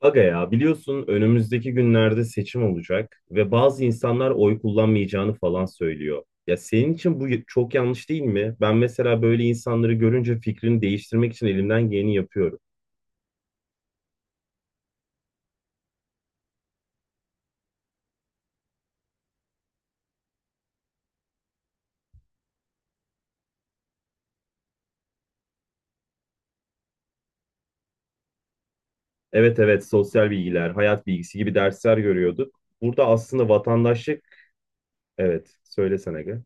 Aga ya biliyorsun önümüzdeki günlerde seçim olacak ve bazı insanlar oy kullanmayacağını falan söylüyor. Ya senin için bu çok yanlış değil mi? Ben mesela böyle insanları görünce fikrini değiştirmek için elimden geleni yapıyorum. Evet evet sosyal bilgiler, hayat bilgisi gibi dersler görüyorduk. Burada aslında vatandaşlık, evet söylesene Aga.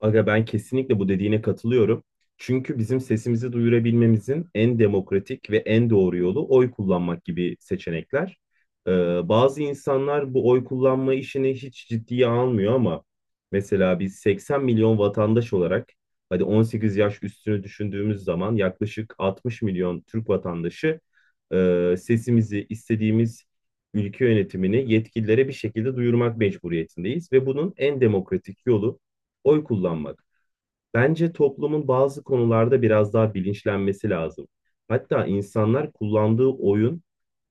Aga ben kesinlikle bu dediğine katılıyorum. Çünkü bizim sesimizi duyurabilmemizin en demokratik ve en doğru yolu oy kullanmak gibi seçenekler. Ee, bazı insanlar bu oy kullanma işini hiç ciddiye almıyor ama mesela biz 80 milyon vatandaş olarak hadi 18 yaş üstünü düşündüğümüz zaman yaklaşık 60 milyon Türk vatandaşı sesimizi istediğimiz ülke yönetimini yetkililere bir şekilde duyurmak mecburiyetindeyiz ve bunun en demokratik yolu oy kullanmak. Bence toplumun bazı konularda biraz daha bilinçlenmesi lazım. Hatta insanlar kullandığı oyun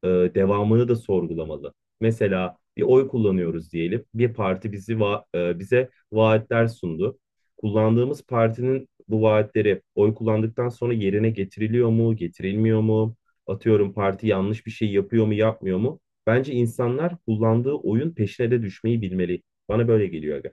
devamını da sorgulamalı. Mesela bir oy kullanıyoruz diyelim. Bir parti bize vaatler sundu. Kullandığımız partinin bu vaatleri oy kullandıktan sonra yerine getiriliyor mu, getirilmiyor mu? Atıyorum parti yanlış bir şey yapıyor mu, yapmıyor mu? Bence insanlar kullandığı oyun peşine de düşmeyi bilmeli. Bana böyle geliyor.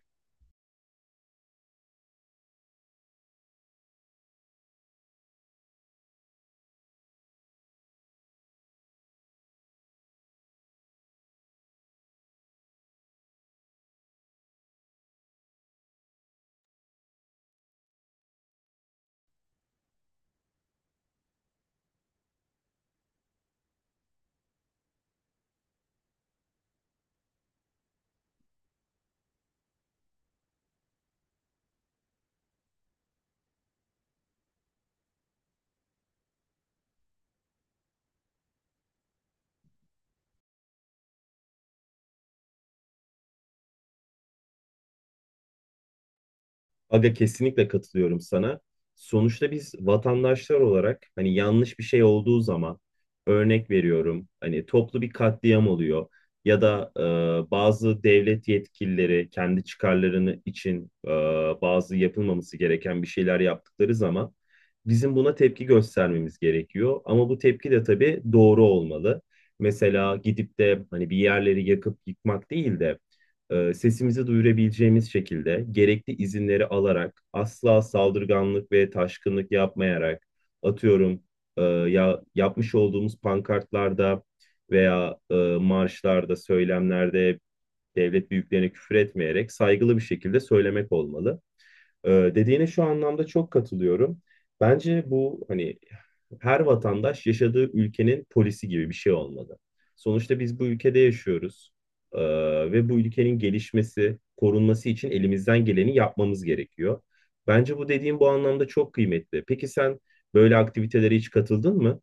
Aga kesinlikle katılıyorum sana. Sonuçta biz vatandaşlar olarak hani yanlış bir şey olduğu zaman örnek veriyorum hani toplu bir katliam oluyor ya da bazı devlet yetkilileri kendi çıkarlarını için bazı yapılmaması gereken bir şeyler yaptıkları zaman bizim buna tepki göstermemiz gerekiyor. Ama bu tepki de tabii doğru olmalı. Mesela gidip de hani bir yerleri yakıp yıkmak değil de sesimizi duyurabileceğimiz şekilde gerekli izinleri alarak asla saldırganlık ve taşkınlık yapmayarak atıyorum ya yapmış olduğumuz pankartlarda veya marşlarda, söylemlerde devlet büyüklerine küfür etmeyerek saygılı bir şekilde söylemek olmalı. Dediğine şu anlamda çok katılıyorum. Bence bu hani her vatandaş yaşadığı ülkenin polisi gibi bir şey olmalı. Sonuçta biz bu ülkede yaşıyoruz. Ee, ve bu ülkenin gelişmesi, korunması için elimizden geleni yapmamız gerekiyor. Bence bu dediğim bu anlamda çok kıymetli. Peki sen böyle aktivitelere hiç katıldın mı?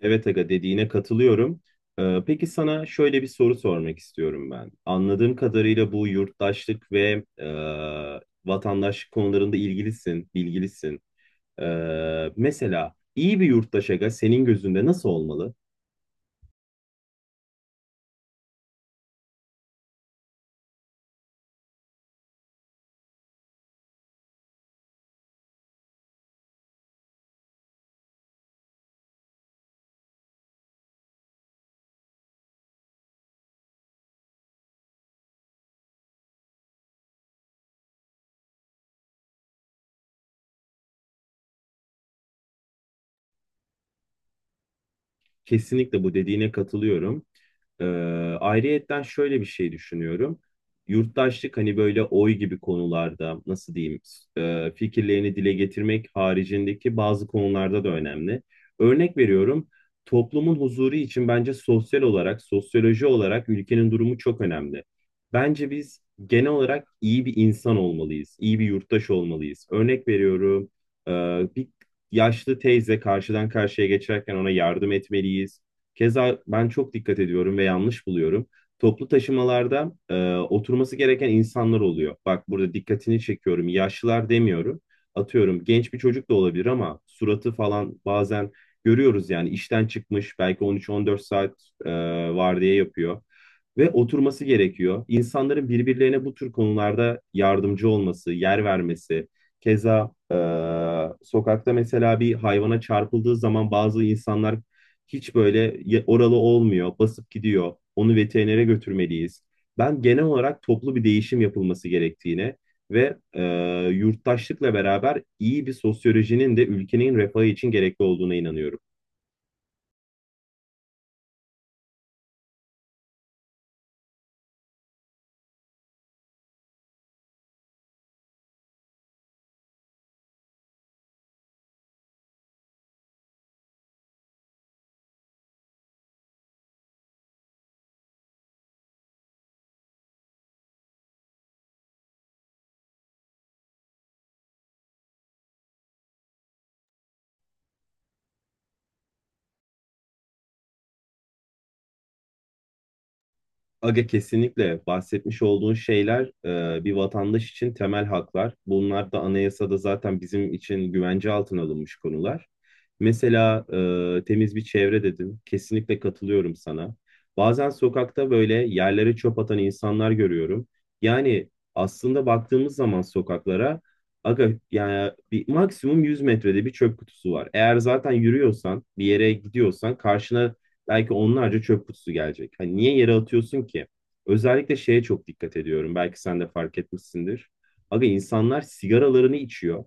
Evet Aga dediğine katılıyorum. Peki sana şöyle bir soru sormak istiyorum ben. Anladığım kadarıyla bu yurttaşlık ve vatandaşlık konularında ilgilisin, bilgilisin. Mesela iyi bir yurttaş Aga senin gözünde nasıl olmalı? Kesinlikle bu dediğine katılıyorum. Ee, ayrıyetten şöyle bir şey düşünüyorum. Yurttaşlık hani böyle oy gibi konularda nasıl diyeyim fikirlerini dile getirmek haricindeki bazı konularda da önemli. Örnek veriyorum toplumun huzuru için bence sosyal olarak, sosyoloji olarak ülkenin durumu çok önemli. Bence biz genel olarak iyi bir insan olmalıyız, iyi bir yurttaş olmalıyız. Örnek veriyorum e, bir yaşlı teyze karşıdan karşıya geçerken ona yardım etmeliyiz. Keza ben çok dikkat ediyorum ve yanlış buluyorum. Toplu taşımalarda oturması gereken insanlar oluyor. Bak burada dikkatini çekiyorum. Yaşlılar demiyorum. Atıyorum genç bir çocuk da olabilir ama suratı falan bazen görüyoruz yani işten çıkmış belki 13-14 saat e, vardiya yapıyor ve oturması gerekiyor. İnsanların birbirlerine bu tür konularda yardımcı olması, yer vermesi, keza sokakta mesela bir hayvana çarpıldığı zaman bazı insanlar hiç oralı olmuyor, basıp gidiyor. Onu veterinere götürmeliyiz. Ben genel olarak toplu bir değişim yapılması gerektiğine ve yurttaşlıkla beraber iyi bir sosyolojinin de ülkenin refahı için gerekli olduğuna inanıyorum. Aga kesinlikle bahsetmiş olduğun şeyler bir vatandaş için temel haklar. Bunlar da anayasada zaten bizim için güvence altına alınmış konular. Mesela temiz bir çevre dedin. Kesinlikle katılıyorum sana. Bazen sokakta böyle yerlere çöp atan insanlar görüyorum. Yani aslında baktığımız zaman sokaklara aga yani bir maksimum 100 metrede bir çöp kutusu var. Eğer zaten yürüyorsan, bir yere gidiyorsan karşına belki onlarca çöp kutusu gelecek. Hani niye yere atıyorsun ki? Özellikle şeye çok dikkat ediyorum. Belki sen de fark etmişsindir. Aga insanlar sigaralarını içiyor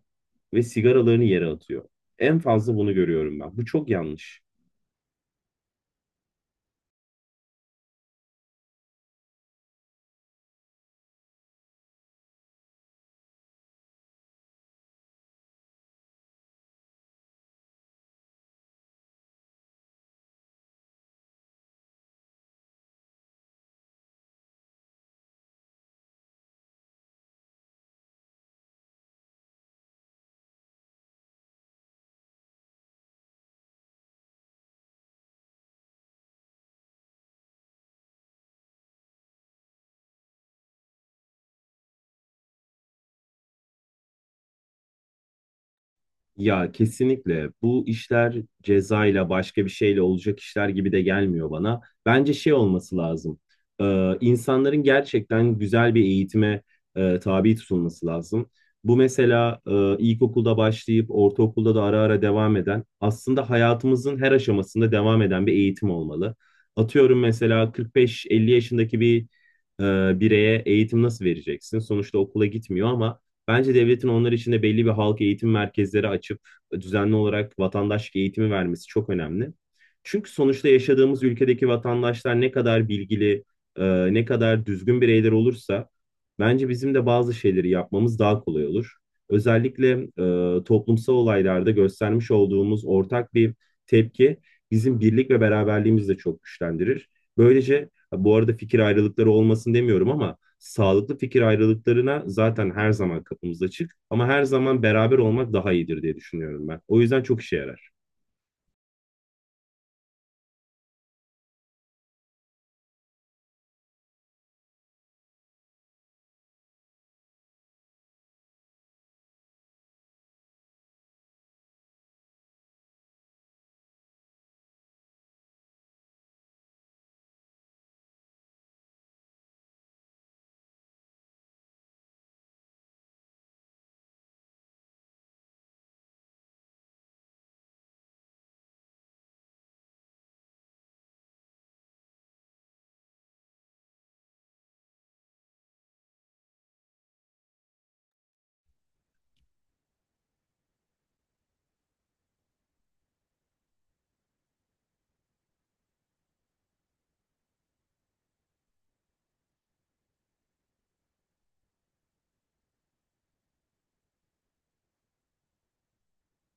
ve sigaralarını yere atıyor. En fazla bunu görüyorum ben. Bu çok yanlış. Ya kesinlikle bu işler cezayla başka bir şeyle olacak işler gibi de gelmiyor bana. Bence şey olması lazım. İnsanların gerçekten güzel bir eğitime tabi tutulması lazım. Bu mesela ilkokulda başlayıp ortaokulda da ara ara devam eden aslında hayatımızın her aşamasında devam eden bir eğitim olmalı. Atıyorum mesela 45-50 yaşındaki bir bireye eğitim nasıl vereceksin? Sonuçta okula gitmiyor ama bence devletin onlar için de belli bir halk eğitim merkezleri açıp düzenli olarak vatandaşlık eğitimi vermesi çok önemli. Çünkü sonuçta yaşadığımız ülkedeki vatandaşlar ne kadar bilgili, ne kadar düzgün bireyler olursa bence bizim de bazı şeyleri yapmamız daha kolay olur. Özellikle toplumsal olaylarda göstermiş olduğumuz ortak bir tepki bizim birlik ve beraberliğimizi de çok güçlendirir. Böylece bu arada fikir ayrılıkları olmasın demiyorum ama sağlıklı fikir ayrılıklarına zaten her zaman kapımız açık ama her zaman beraber olmak daha iyidir diye düşünüyorum ben. O yüzden çok işe yarar.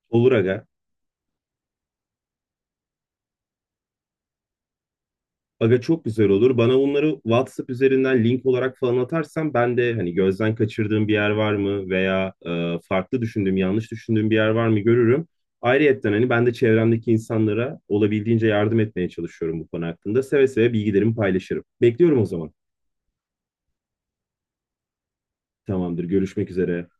Olur aga. Aga çok güzel olur. Bana bunları WhatsApp üzerinden link olarak falan atarsan ben de hani gözden kaçırdığım bir yer var mı veya farklı düşündüğüm, yanlış düşündüğüm bir yer var mı görürüm. Ayrıyetten hani ben de çevremdeki insanlara olabildiğince yardım etmeye çalışıyorum bu konu hakkında. Seve seve bilgilerimi paylaşırım. Bekliyorum o zaman. Tamamdır. Görüşmek üzere.